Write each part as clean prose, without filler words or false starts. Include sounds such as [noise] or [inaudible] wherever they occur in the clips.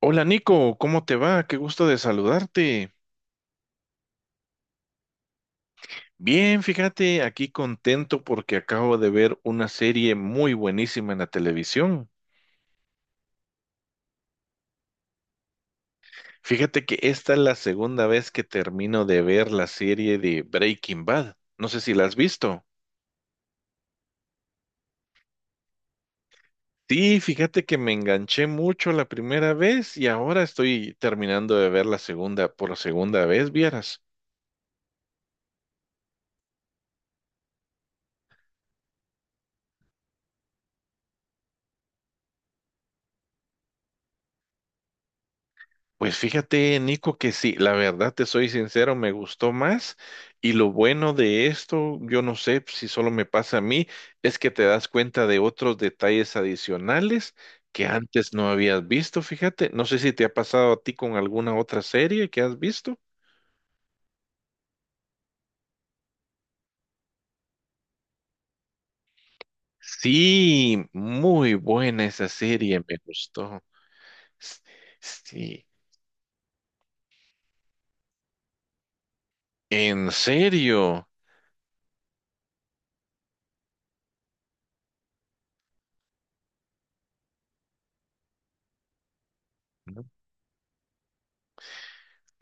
Hola Nico, ¿cómo te va? Qué gusto de saludarte. Bien, fíjate, aquí contento porque acabo de ver una serie muy buenísima en la televisión. Fíjate que esta es la segunda vez que termino de ver la serie de Breaking Bad. No sé si la has visto. Sí, fíjate que me enganché mucho la primera vez y ahora estoy terminando de ver la segunda por segunda vez, vieras. Pues fíjate, Nico, que sí, la verdad te soy sincero, me gustó más y lo bueno de esto, yo no sé si solo me pasa a mí, es que te das cuenta de otros detalles adicionales que antes no habías visto, fíjate, no sé si te ha pasado a ti con alguna otra serie que has visto. Sí, muy buena esa serie, me gustó. S- Sí, en serio.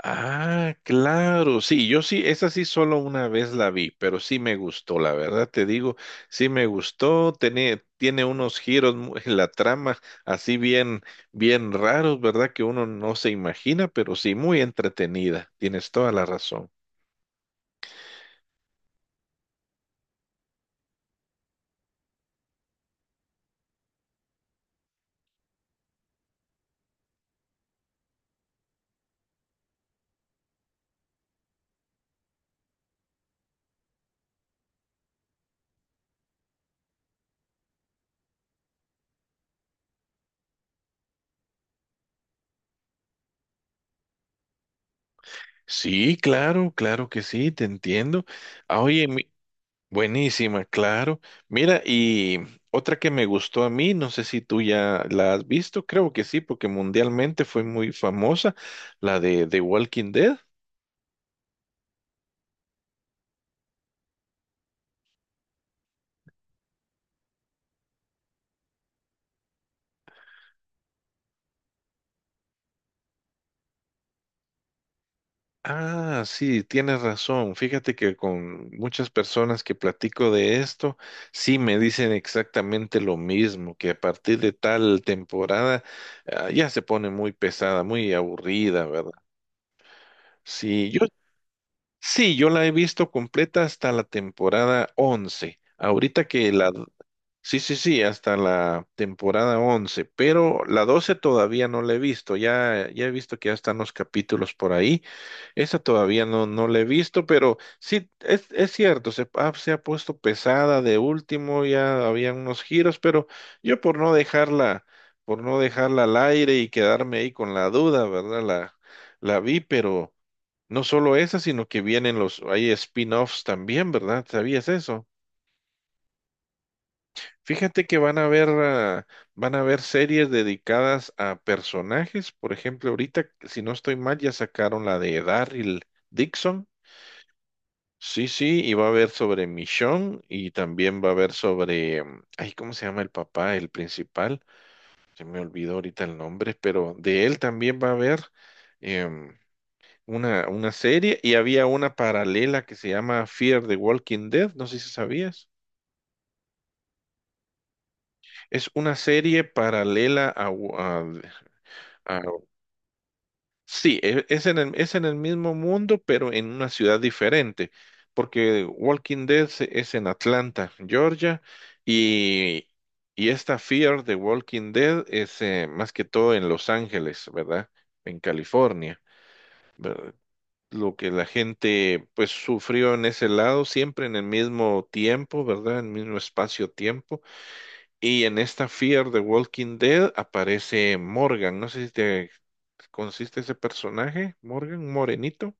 Ah, claro, sí, yo sí, esa sí solo una vez la vi, pero sí me gustó, la verdad te digo, sí me gustó, tiene unos giros [laughs] en la trama así bien, bien raros, ¿verdad? Que uno no se imagina, pero sí muy entretenida, tienes toda la razón. Sí, claro, claro que sí, te entiendo. Ah, oye, mi- Buenísima, claro. Mira, y otra que me gustó a mí, no sé si tú ya la has visto, creo que sí, porque mundialmente fue muy famosa, la de The Walking Dead. Ah, sí, tienes razón. Fíjate que con muchas personas que platico de esto, sí me dicen exactamente lo mismo, que a partir de tal temporada, ah, ya se pone muy pesada, muy aburrida, ¿verdad? Sí, yo sí, yo la he visto completa hasta la temporada 11. Ahorita que la... Sí, sí, sí, hasta la temporada once, pero la 12 todavía no la he visto. Ya he visto que ya están los capítulos por ahí. Esa todavía no la he visto, pero sí, es cierto, se ha puesto pesada de último, ya había unos giros, pero yo por no dejarla al aire y quedarme ahí con la duda, ¿verdad? La vi, pero... No solo esa, sino que vienen los, hay spin-offs también, ¿verdad? ¿Sabías eso? Fíjate que van a haber, ah, van a haber series dedicadas a personajes. Por ejemplo, ahorita, si no estoy mal, ya sacaron la de Darryl Dixon. Sí, sí, y va a haber sobre Michonne y también va a haber sobre, ay, ¿cómo se llama el papá, el principal? Se me olvidó ahorita el nombre, pero de él también va a haber em, una serie y había una paralela que se llama Fear the Walking Dead, no sé si sabías. Es una serie paralela a... a- a- sí, es en el mismo mundo, pero en una ciudad diferente, porque Walking Dead es en Atlanta, Georgia, y, y esta Fear the Walking Dead es más que todo en Los Ángeles, ¿verdad? En California. Lo que la gente pues sufrió en ese lado, siempre en el mismo tiempo, ¿verdad? En el mismo espacio-tiempo. Y en esta Fear de Walking Dead aparece Morgan, no sé si te consiste ese personaje, Morgan, un morenito,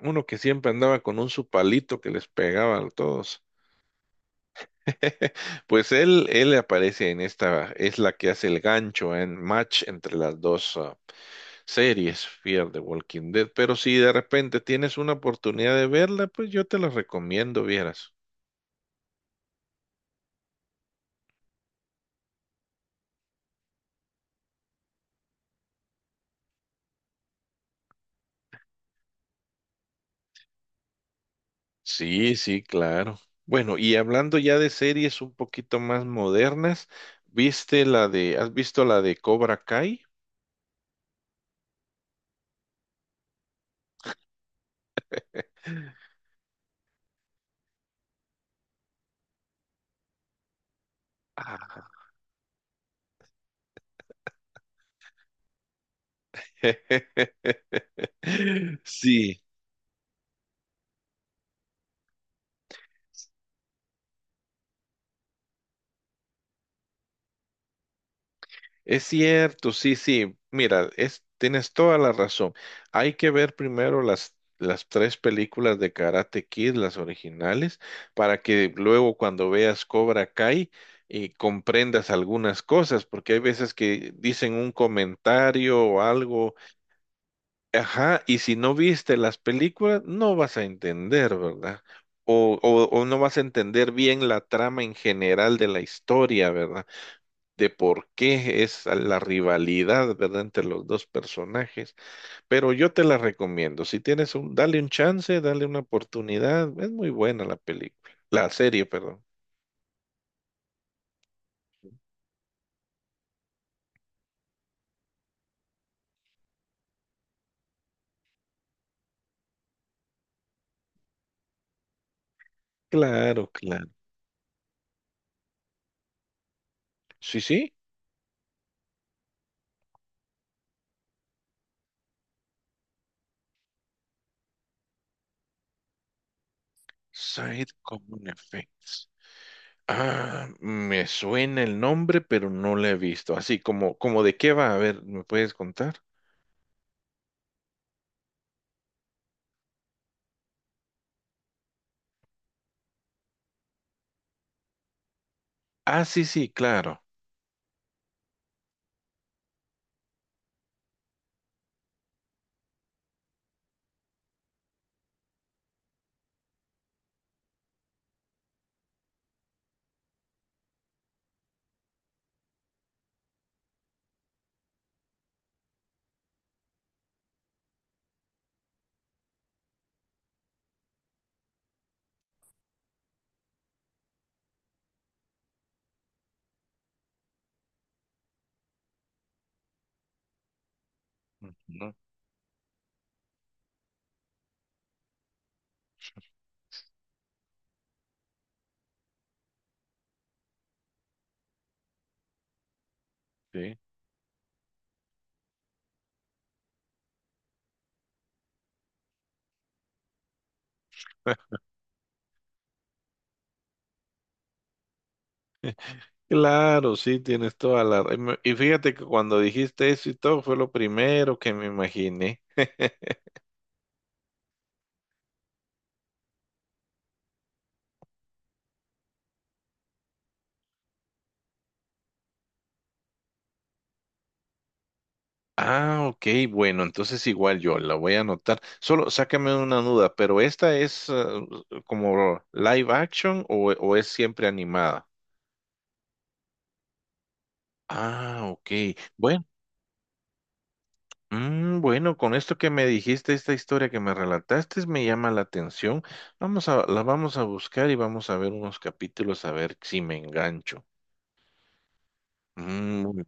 uno que siempre andaba con un su palito que les pegaba a todos. [laughs] Pues él aparece en esta, es la que hace el gancho en match entre las dos ah, series, Fear the Walking Dead. Pero si de repente tienes una oportunidad de verla, pues yo te la recomiendo, vieras. Sí, sí, claro. Bueno, y hablando ya de series un poquito más modernas, ¿viste la de, has visto la de Cobra Kai? Ah. [laughs] Sí, es cierto, sí, sí. Mira, es, tienes toda la razón. Hay que ver primero las tres películas de Karate Kid, las originales, para que luego cuando veas Cobra Kai y comprendas algunas cosas, porque hay veces que dicen un comentario o algo, ajá, y si no viste las películas, no vas a entender, ¿verdad? O no vas a entender bien la trama en general de la historia, ¿verdad? De por qué es la rivalidad, ¿verdad?, entre los dos personajes. Pero yo te la recomiendo. Si tienes un, dale un chance, dale una oportunidad. Es muy buena la película, la serie, perdón. Claro, claro. Sí, sí. Side Common Effects. Ah, me suena el nombre, pero no la he visto. Así como, como de qué va, a ver, ¿me puedes contar? Ah, sí, sí, claro. Ujú, sí. Claro, sí, tienes toda la... ra- Y y fíjate que cuando dijiste eso y todo fue lo primero que me imaginé. [laughs] Ah, ok, bueno, entonces igual yo la voy a anotar. Solo sácame una duda, pero ¿esta es como live action o es siempre animada? Ah, ok, bueno, bueno, con esto que me dijiste, esta historia que me relataste me llama la atención. Vamos a, la vamos a buscar y vamos a ver unos capítulos a ver si me engancho. Mm,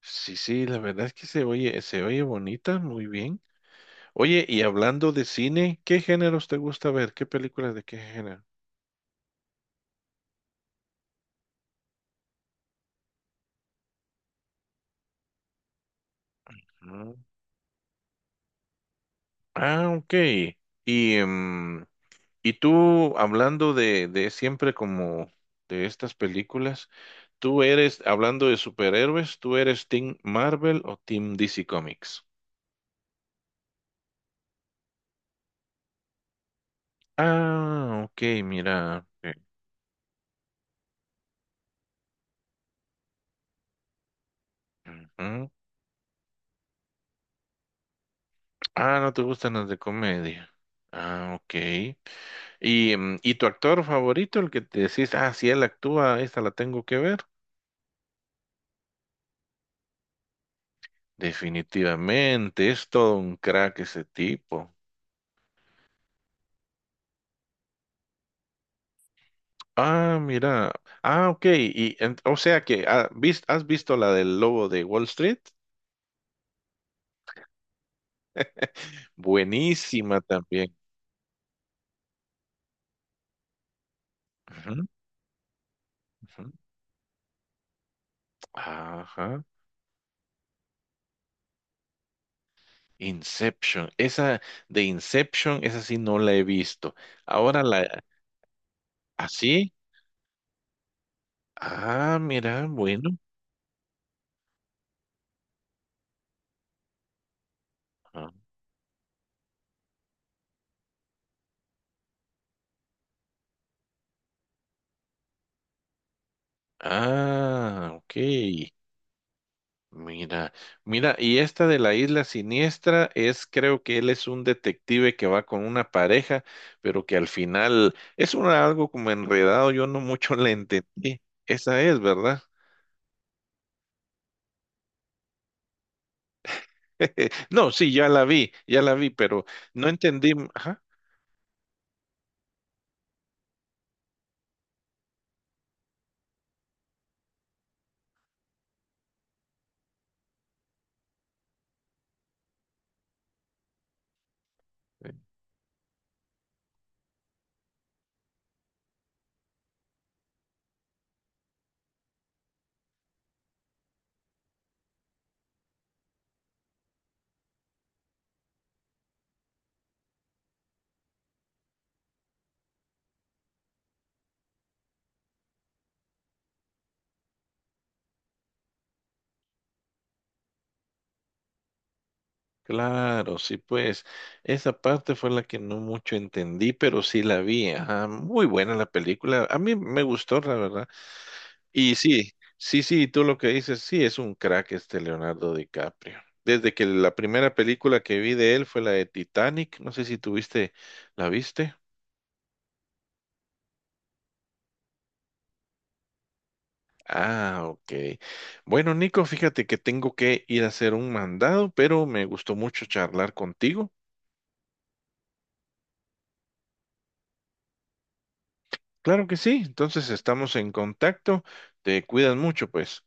sí, sí, la verdad es que se oye bonita, muy bien. Oye, y hablando de cine, ¿qué géneros te gusta ver? ¿Qué películas de qué género? Mm. Ah, ok. Y, y tú, hablando de siempre como de estas películas, tú eres, hablando de superhéroes, ¿tú eres Team Marvel o Team DC Comics? Ah, ok, mira. Ok. Ujú. Ah, no te gustan las de comedia. Ah, ok. Y, y tu actor favorito, el que te decís, ah, si él actúa, esta la tengo que ver. Definitivamente, es todo un crack ese tipo. Ah, mira. Ah, ok. Y, en- o sea que ah, vis- has visto la del lobo de Wall Street. Buenísima también. Ujú, ujú. Ajá. Inception. Esa de Inception, esa sí no la he visto. Ahora la... ¿Así? Ah, mira, bueno. Ah, ah, ok. Mira, mira, y esta de la isla siniestra es, creo que él es un detective que va con una pareja, pero que al final es una- algo como enredado, yo no mucho [laughs] la entendí. Esa es, ¿verdad? [laughs] No, sí, ya la vi, pero no entendí. Ajá. eh, Claro, sí, pues esa parte fue la que no mucho entendí, pero sí la vi. Ajá, muy buena la película. A mí me gustó, la verdad. Y sí, sí, sí, tú lo que dices, sí, es un crack este Leonardo DiCaprio. Desde que la primera película que vi de él fue la de Titanic, no sé si tuviste, ¿la viste? Ah, ok. Bueno, Nico, fíjate que tengo que ir a hacer un mandado, pero me gustó mucho charlar contigo. Claro que sí, entonces estamos en contacto. Te cuidas mucho, pues.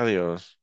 Adiós.